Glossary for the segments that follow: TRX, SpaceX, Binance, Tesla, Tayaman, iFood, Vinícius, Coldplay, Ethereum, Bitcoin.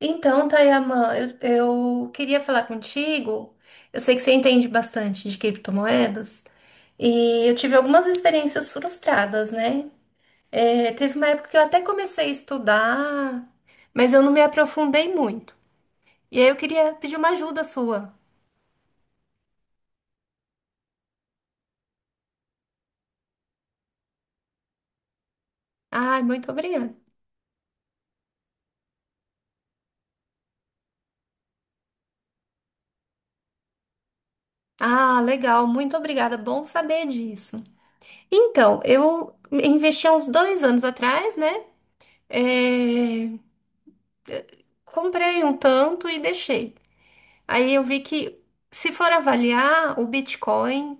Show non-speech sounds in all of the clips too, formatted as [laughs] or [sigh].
Então, Tayaman, eu queria falar contigo. Eu sei que você entende bastante de criptomoedas e eu tive algumas experiências frustradas, né? Teve uma época que eu até comecei a estudar, mas eu não me aprofundei muito. E aí eu queria pedir uma ajuda sua. Ai, muito obrigada. Ah, legal, muito obrigada. Bom saber disso. Então, eu investi há uns dois anos atrás, né? É, Comprei um tanto e deixei. Aí eu vi que, se for avaliar, o Bitcoin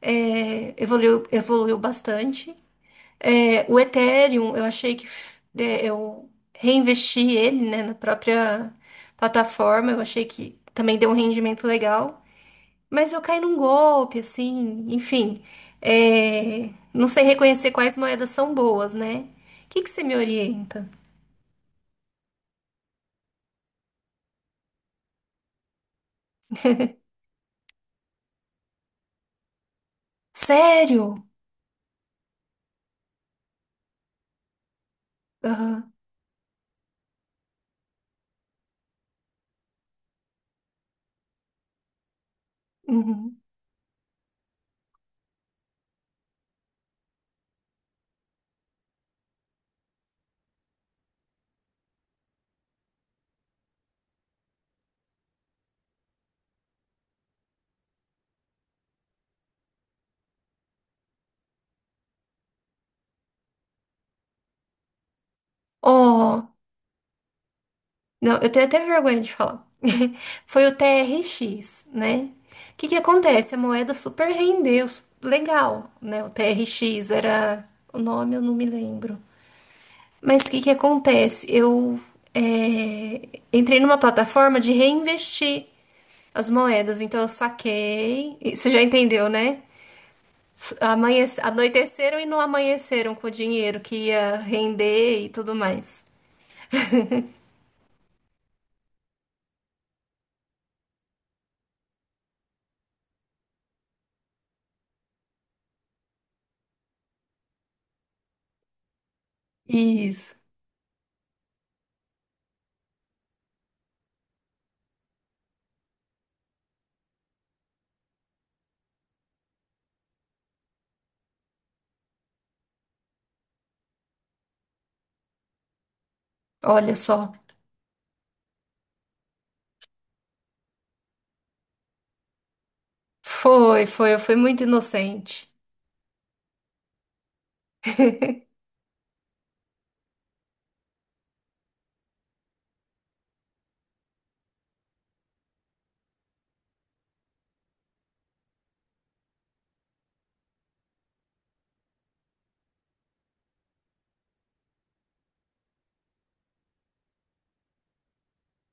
evoluiu, evoluiu bastante. É, o Ethereum, eu achei que eu reinvesti ele, né, na própria plataforma. Eu achei que também deu um rendimento legal. Mas eu caí num golpe, assim, enfim. Não sei reconhecer quais moedas são boas, né? O que que você me orienta? Sério? Aham. Uhum. Ó, não, eu tenho até vergonha de falar. [laughs] Foi o TRX, né? O que que acontece? A moeda super rendeu, su- legal, né? O TRX era o nome, eu não me lembro. Mas o que que acontece? Eu é, entrei numa plataforma de reinvestir as moedas, então eu saquei. E você já entendeu, né? S- amanhece- Anoiteceram e não amanheceram com o dinheiro que ia render e tudo mais. Isso. Olha só. Foi, foi, eu fui muito inocente.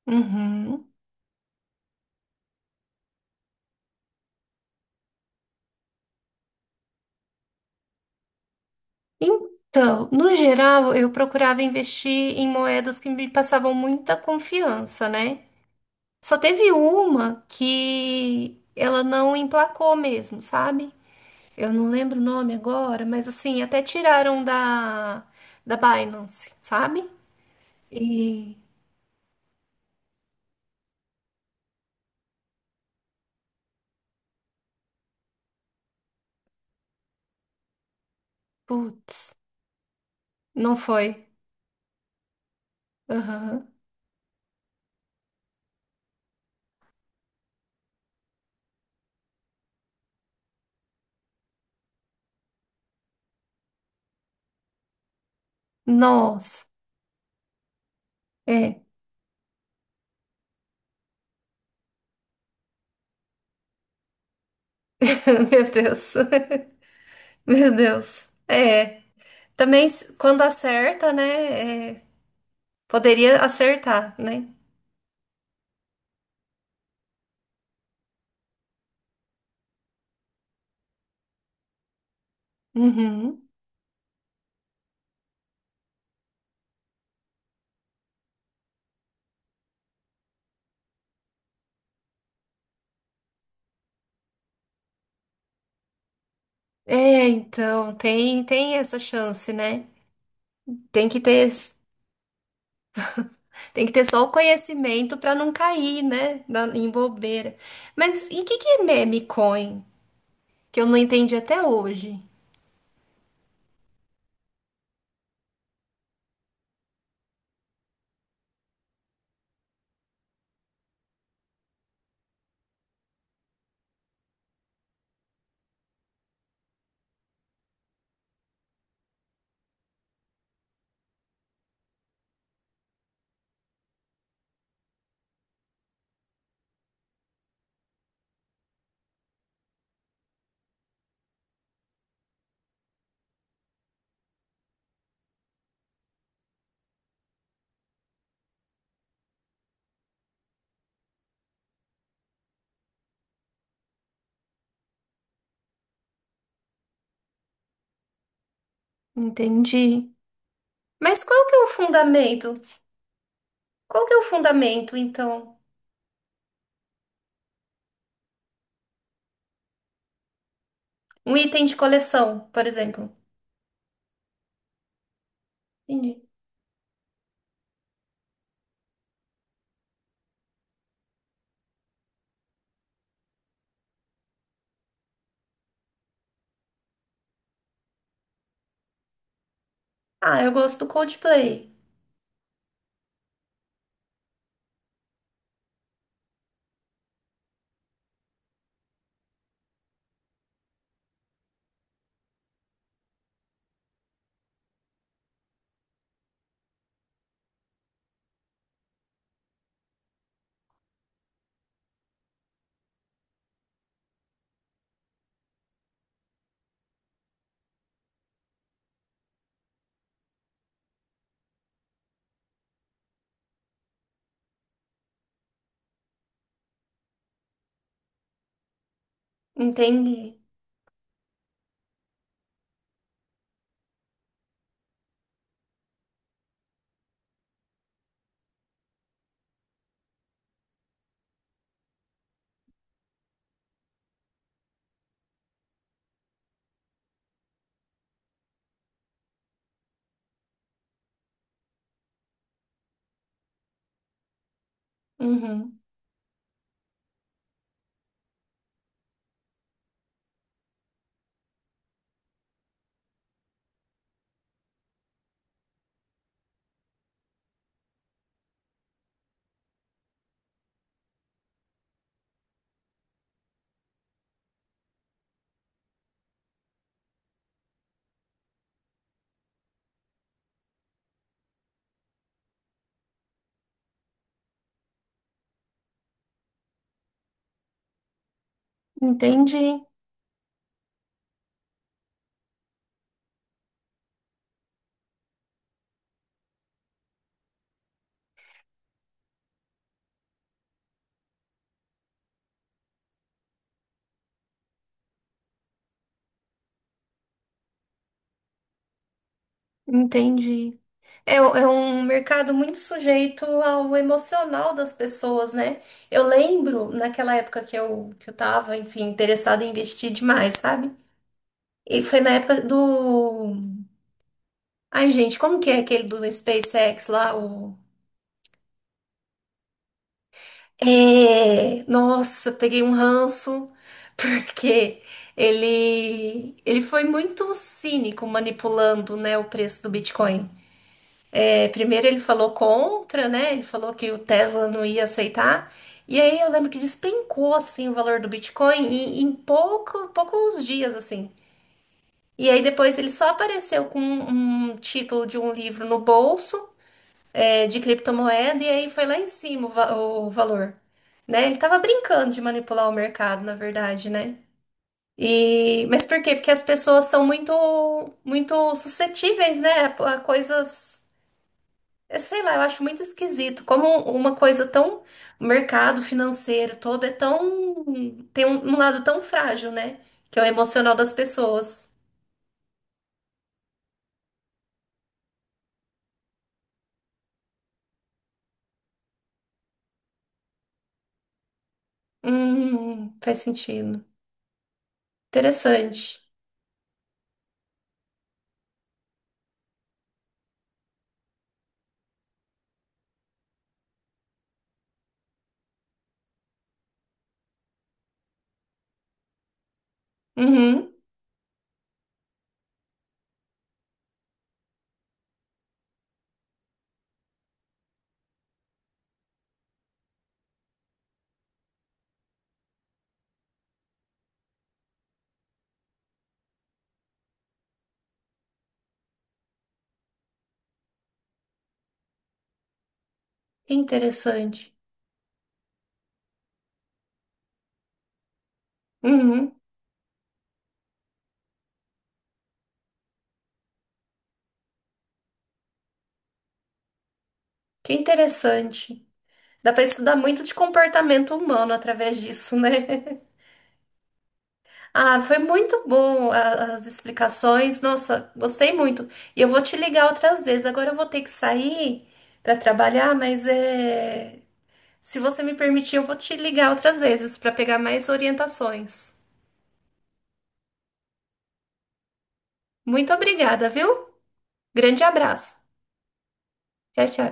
Uhum. Então, no geral, eu procurava investir em moedas que me passavam muita confiança, né? Só teve uma que ela não emplacou mesmo, sabe? Eu não lembro o nome agora, mas assim, até tiraram da, da Binance, sabe? E, putz, não foi. Aham. Nossa, é. [laughs] Meu Deus. [laughs] Meu Deus. É. Também, s- quando acerta, né? Poderia acertar, né? Uhum. É, então, tem, tem essa chance, né? Tem que ter, tem que ter só o conhecimento para não cair, né? Na- em bobeira. Mas e o que, que é meme coin? Que eu não entendi até hoje. Entendi. Mas qual que é o fundamento? Qual que é o fundamento, então? Um item de coleção, por exemplo. Entendi. Ah, eu gosto do Coldplay. Entendi. Uhum. Entendi, entendi. É, u- é um mercado muito sujeito ao emocional das pessoas, né? Eu lembro naquela época que eu tava, enfim, interessada em investir demais, sabe? E foi na época do. Ai, gente, como que é aquele do SpaceX lá? O... É... Nossa, peguei um ranço, [laughs] porque ele foi muito cínico manipulando, né, o preço do Bitcoin. É, primeiro ele falou contra, né? Ele falou que o Tesla não ia aceitar. E aí eu lembro que despencou assim o valor do Bitcoin em, em pouco, poucos dias assim. E aí depois ele só apareceu com um título de um livro no bolso, de criptomoeda e aí foi lá em cima o, va- o valor, né? Ele tava brincando de manipular o mercado, na verdade, né? E mas por quê? Porque as pessoas são muito muito suscetíveis, né, a coisas. É, sei lá, eu acho muito esquisito. Como uma coisa tão. O mercado financeiro todo é tão. Tem um, um lado tão frágil, né? Que é o emocional das pessoas. Faz sentido. Interessante. Uhum, que interessante. Uhum, que interessante. Dá pra estudar muito de comportamento humano através disso, né? [laughs] Ah, foi muito bom a- as explicações. Nossa, gostei muito. E eu vou te ligar outras vezes. Agora eu vou ter que sair para trabalhar, mas é... se você me permitir, eu vou te ligar outras vezes para pegar mais orientações. Muito obrigada, viu? Grande abraço. Tchau, tchau.